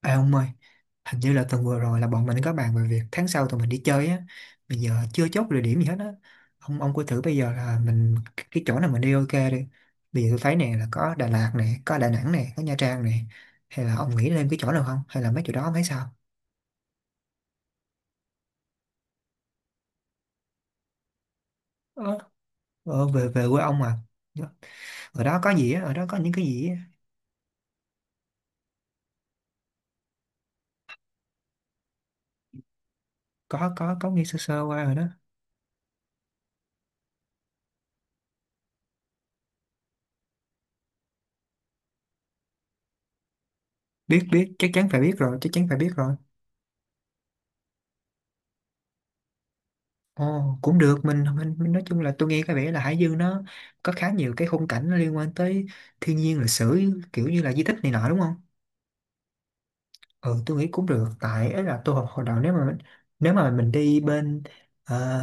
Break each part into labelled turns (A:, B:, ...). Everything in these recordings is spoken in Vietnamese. A: À ông ơi, hình như là tuần vừa rồi là bọn mình có bàn về việc tháng sau tụi mình đi chơi á, bây giờ chưa chốt địa điểm gì hết á. Ông cứ thử bây giờ là mình cái chỗ nào mình đi ok đi. Bây giờ tôi thấy nè là có Đà Lạt nè, có Đà Nẵng nè, có Nha Trang nè. Hay là ông nghĩ lên cái chỗ nào không? Hay là mấy chỗ đó ông thấy sao? Ờ, về về quê ông mà. Dạ. Ở đó có gì á, ở đó có những cái gì á. Có nghe sơ sơ qua rồi đó. Biết biết chắc chắn phải biết rồi, chắc chắn phải biết rồi. Ồ, cũng được mình, mình nói chung là tôi nghe có vẻ là Hải Dương nó có khá nhiều cái khung cảnh nó liên quan tới thiên nhiên lịch sử kiểu như là di tích này nọ đúng không? Ừ, tôi nghĩ cũng được tại ấy là tôi học hồi đầu nếu mà mình đi bên ờ,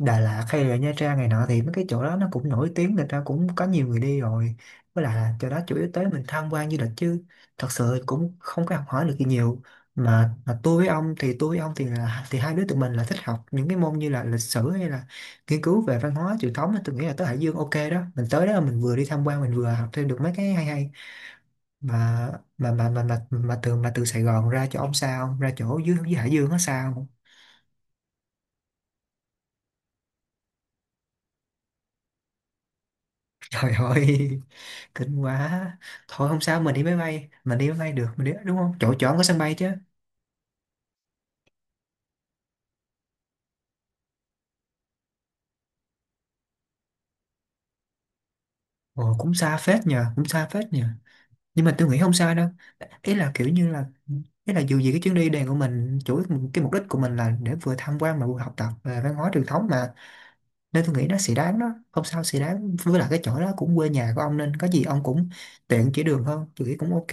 A: Đà Lạt hay là Nha Trang này nọ thì mấy cái chỗ đó nó cũng nổi tiếng người ta cũng có nhiều người đi rồi với lại là chỗ đó chủ yếu tới mình tham quan du lịch chứ thật sự cũng không có học hỏi được gì nhiều mà tôi với ông thì tôi với ông thì là thì hai đứa tụi mình là thích học những cái môn như là lịch sử hay là nghiên cứu về văn hóa truyền thống á, tôi nghĩ là tới Hải Dương ok đó mình tới đó là mình vừa đi tham quan mình vừa học thêm được mấy cái hay hay mà mà từ từ Sài Gòn ra chỗ ông sao không? Ra chỗ dưới dưới Hải Dương nó sao không? Trời ơi, kinh quá. Thôi không sao mình đi máy bay mình đi máy bay được mình đi đúng không chỗ chỗ ông có sân bay chứ. Ồ cũng xa phết nhờ cũng xa phết nhờ, nhưng mà tôi nghĩ không sao đâu. Ý là kiểu như là ý là dù gì cái chuyến đi này của mình chủ yếu cái mục đích của mình là để vừa tham quan mà vừa học tập về văn hóa truyền thống mà nên tôi nghĩ nó sẽ đáng đó không sao sẽ đáng với lại cái chỗ đó cũng quê nhà của ông nên có gì ông cũng tiện chỉ đường hơn tôi nghĩ cũng ok.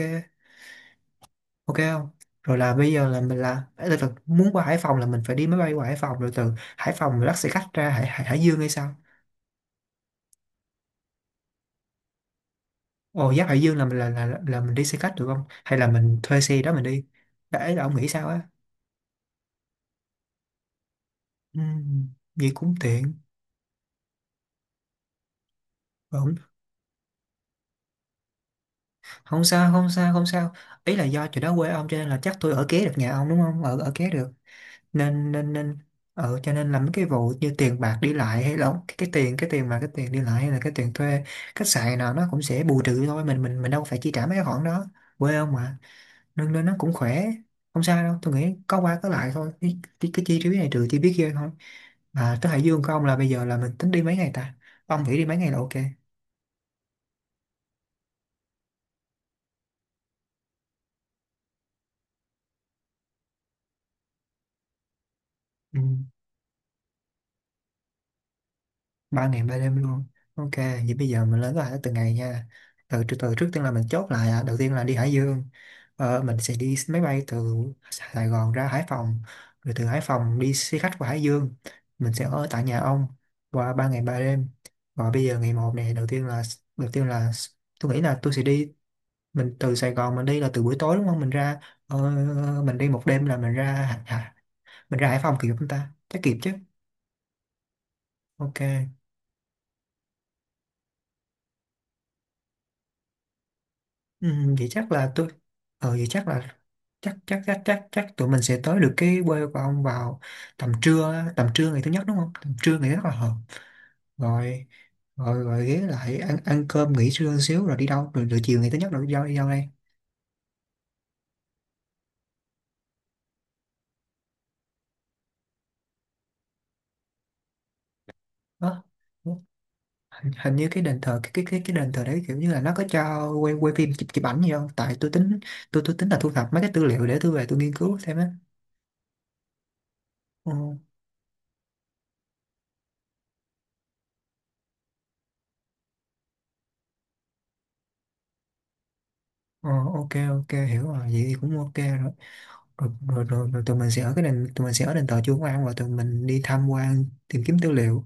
A: Ok không? Rồi là bây giờ là mình là tức là muốn qua Hải Phòng là mình phải đi máy bay qua Hải Phòng rồi từ Hải Phòng mình bắt xe khách ra Hải Dương hay sao. Ồ giáp Hải Dương là mình là, là mình đi xe khách được không hay là mình thuê xe đó mình đi, đấy là ông nghĩ sao á. Ừ, vậy cũng tiện. Không, không sao không sao. Ý là do chỗ đó quê ông cho nên là chắc tôi ở kế được nhà ông đúng không ở ở kế được nên nên nên ờ cho nên là mấy cái vụ như tiền bạc đi lại hay là cái tiền mà cái tiền đi lại hay là cái tiền thuê khách sạn nào nó cũng sẽ bù trừ thôi mình mình đâu phải chi trả mấy cái khoản đó, quê ông mà, nên nên nó cũng khỏe. Không sao đâu tôi nghĩ có qua có lại thôi cái, cái chi phí này trừ chi phí kia thôi. Mà tới Hải Dương của ông là bây giờ là mình tính đi mấy ngày ta, ông nghĩ đi mấy ngày là ok? Ừ. Ba ngày ba đêm luôn, ok vậy bây giờ mình lên kế hoạch từng ngày nha. Từ từ từ trước tiên là mình chốt lại à. Đầu tiên là đi Hải Dương, mình sẽ đi máy bay từ Sài Gòn ra Hải Phòng rồi từ Hải Phòng đi xe khách qua Hải Dương, mình sẽ ở tại nhà ông qua ba ngày ba đêm. Và bây giờ ngày một này đầu tiên là tôi nghĩ là tôi sẽ đi, mình từ Sài Gòn mình đi là từ buổi tối đúng không mình ra, ờ, mình đi một đêm là mình ra Hải Phòng kịp không ta chắc kịp chứ. Ok. Ừ, vậy chắc là tôi vậy chắc là chắc chắc chắc chắc chắc tụi mình sẽ tới được cái quê của ông vào tầm trưa á, tầm trưa ngày thứ nhất đúng không tầm trưa ngày thứ nhất là hợp. Rồi rồi rồi ghé lại ăn ăn cơm nghỉ trưa xíu rồi đi đâu rồi chiều ngày thứ nhất rồi đi đâu đây? Đó, hình như cái đền thờ cái đền thờ đấy kiểu như là nó có cho quay quay phim chụp chụp ảnh gì không tại tôi tính tôi tính là thu thập mấy cái tư liệu để tôi về tôi nghiên cứu thêm á. Ừ, ờ, ok ok hiểu rồi vậy thì cũng ok rồi. Rồi tụi mình sẽ ở cái nền tụi mình sẽ ở đền thờ Chúa Công An, rồi tụi mình đi tham quan tìm kiếm tư liệu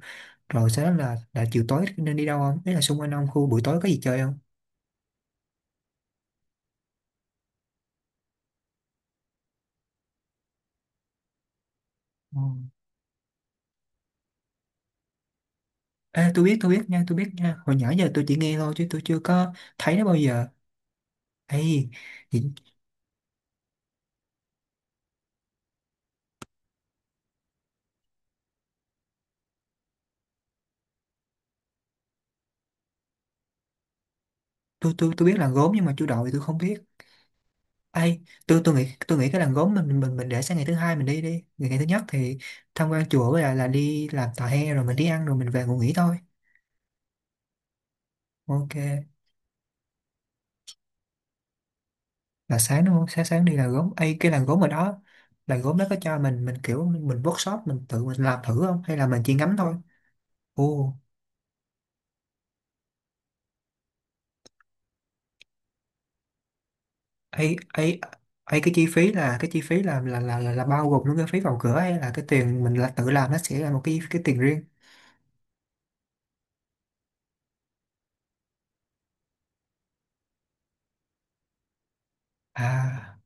A: rồi sau đó là chiều tối nên đi đâu không đấy là xung quanh ông khu buổi tối có gì chơi không? Ừ. Ê, tôi biết tôi biết nha hồi nhỏ giờ tôi chỉ nghe thôi chứ tôi chưa có thấy nó bao giờ ấy. Tôi tôi biết là gốm nhưng mà chú đội thì tôi không biết ấy. Tôi nghĩ tôi nghĩ cái làng gốm mình mình để sang ngày thứ hai mình đi đi, ngày thứ nhất thì tham quan chùa với lại là đi làm tà he rồi mình đi ăn rồi mình về ngủ nghỉ thôi. Ok, là sáng đúng không sáng sáng đi là gốm ấy cái làm gốm ở đó, làm gốm đó có cho mình kiểu mình workshop mình tự mình làm thử không hay là mình chỉ ngắm thôi? Ồ, ấy ấy ấy cái chi phí là cái chi phí là là bao gồm luôn cái phí vào cửa hay là cái tiền mình là tự làm nó sẽ là một cái tiền riêng? À,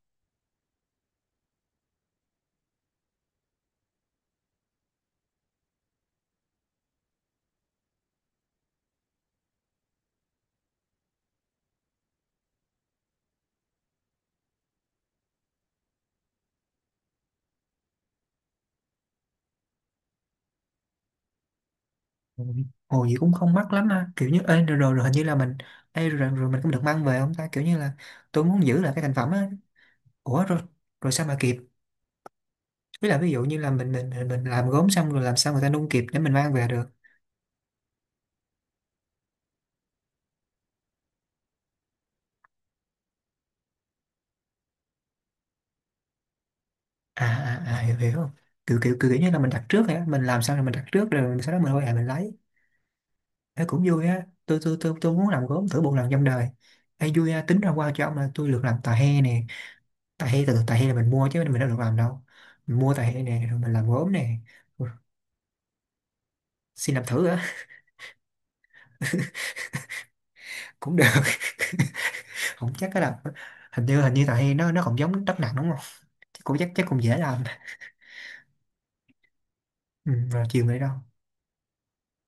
A: ôi, ồ gì cũng không mắc lắm ha kiểu như ê, rồi hình như là mình ê, rồi mình cũng được mang về không ta kiểu như là tôi muốn giữ lại cái thành phẩm á. Ủa rồi rồi sao mà kịp với là ví dụ như là mình mình làm gốm xong rồi làm sao người ta nung kịp để mình mang về được? À hiểu hiểu không, kiểu như là mình đặt trước hả mình làm sao rồi mình đặt trước rồi sau đó mình quay lại mình lấy. Ê, cũng vui á, tôi tôi muốn làm gốm thử một lần trong đời. Ê, vui á, tính ra qua cho ông là tôi được làm tà he nè. Tà he từ từ tà he là mình mua chứ mình đâu được làm đâu, mình mua tà he nè rồi mình làm gốm nè. Ui, xin làm thử á? Cũng được. Không chắc cái là hình như tà he nó còn giống đất nặng đúng không, chắc cũng chắc chắc cũng dễ làm. Ừ, rồi chiều mới đâu.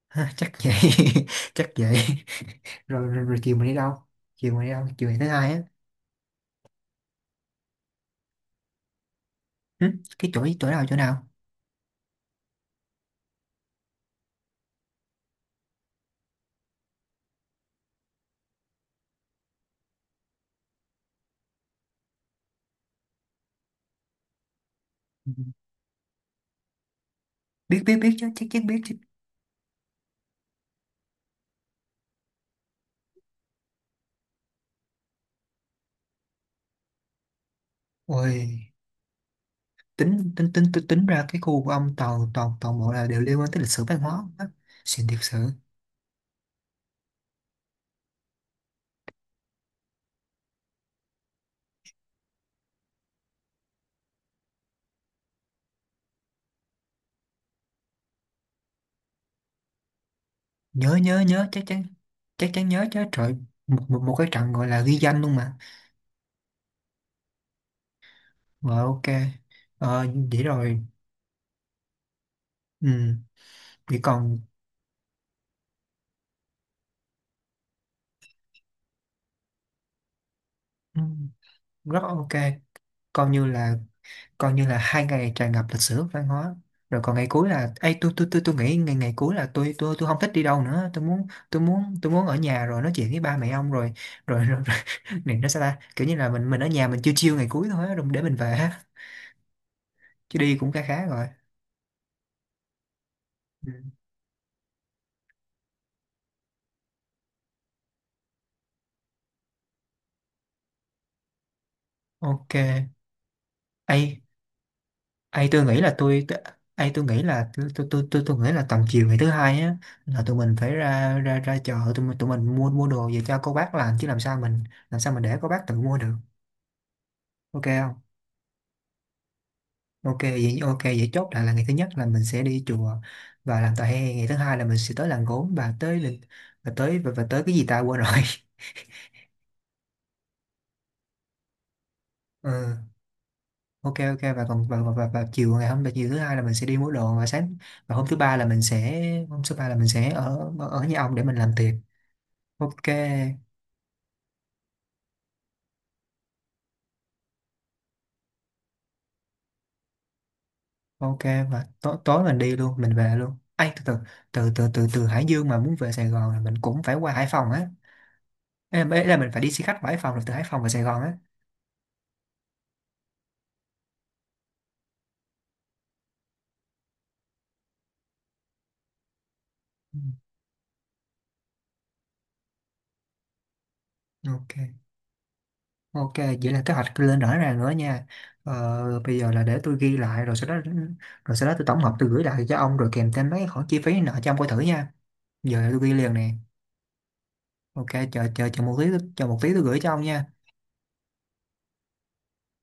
A: Chắc vậy. Chắc vậy. Rồi chiều mình đi đâu chiều mình đi đâu chiều ngày thứ hai á? Hử? Cái chỗ chỗ nào chỗ nào? Ừ. biết biết biết chứ chắc chắn biết chứ. Ôi, tính tính tính tính, tính ra cái khu của ông toàn toàn toàn bộ là đều liên quan tới lịch sử văn hóa á. Xịn thiệt sự. Nhớ nhớ nhớ chắc chắn, chắc chắn nhớ chứ trời. Một một cái trận gọi là ghi danh luôn mà. Rồi ok. Ờ, vậy rồi. Ừ, vậy còn. Ừ, rất ok. Coi như là coi như là hai ngày tràn ngập lịch sử văn hóa. Rồi còn ngày cuối là ấy tôi tôi nghĩ ngày ngày cuối là tôi tôi không thích đi đâu nữa, tôi muốn tôi muốn tôi muốn ở nhà rồi nói chuyện với ba mẹ ông rồi rồi rồi, rồi. Này nó sao ta kiểu như là mình ở nhà mình chiêu chiêu ngày cuối thôi á, rồi để mình về á, chứ đi cũng khá khá rồi. Ừ. Ok. Ai, tôi nghĩ là ai tôi nghĩ là tôi nghĩ là tầm chiều ngày thứ hai á là tụi mình phải ra ra ra chợ tụi mình mua mua đồ về cho cô bác làm chứ làm sao mình để cô bác tự mua được. Ok không? Ok vậy ok vậy chốt lại là ngày thứ nhất là mình sẽ đi chùa và làm tòa hè, ngày thứ hai là mình sẽ tới làng gốm và tới lịch và tới cái gì ta quên rồi. Ừ, ok ok và còn và chiều ngày hôm chiều thứ hai là mình sẽ đi mua đồ và sáng và hôm thứ ba là mình sẽ hôm thứ ba là mình sẽ ở ở ở nhà ông để mình làm tiệc. Ok. Ok, và tối tối mình đi luôn mình về luôn. Ai, từ từ từ từ từ từ Hải Dương mà muốn về Sài Gòn là mình cũng phải qua Hải Phòng á. Ê, là mình phải đi xe khách qua Hải Phòng rồi từ Hải Phòng về Sài Gòn á. Ừ, ok. Ok, vậy là kế hoạch lên rõ ràng nữa nha. Ờ, bây giờ là để tôi ghi lại rồi sau đó tôi tổng hợp tôi gửi lại cho ông rồi kèm thêm mấy cái khoản chi phí nợ cho ông coi thử nha. Giờ tôi ghi liền nè. Ok, chờ chờ chờ một tí tôi gửi cho ông nha.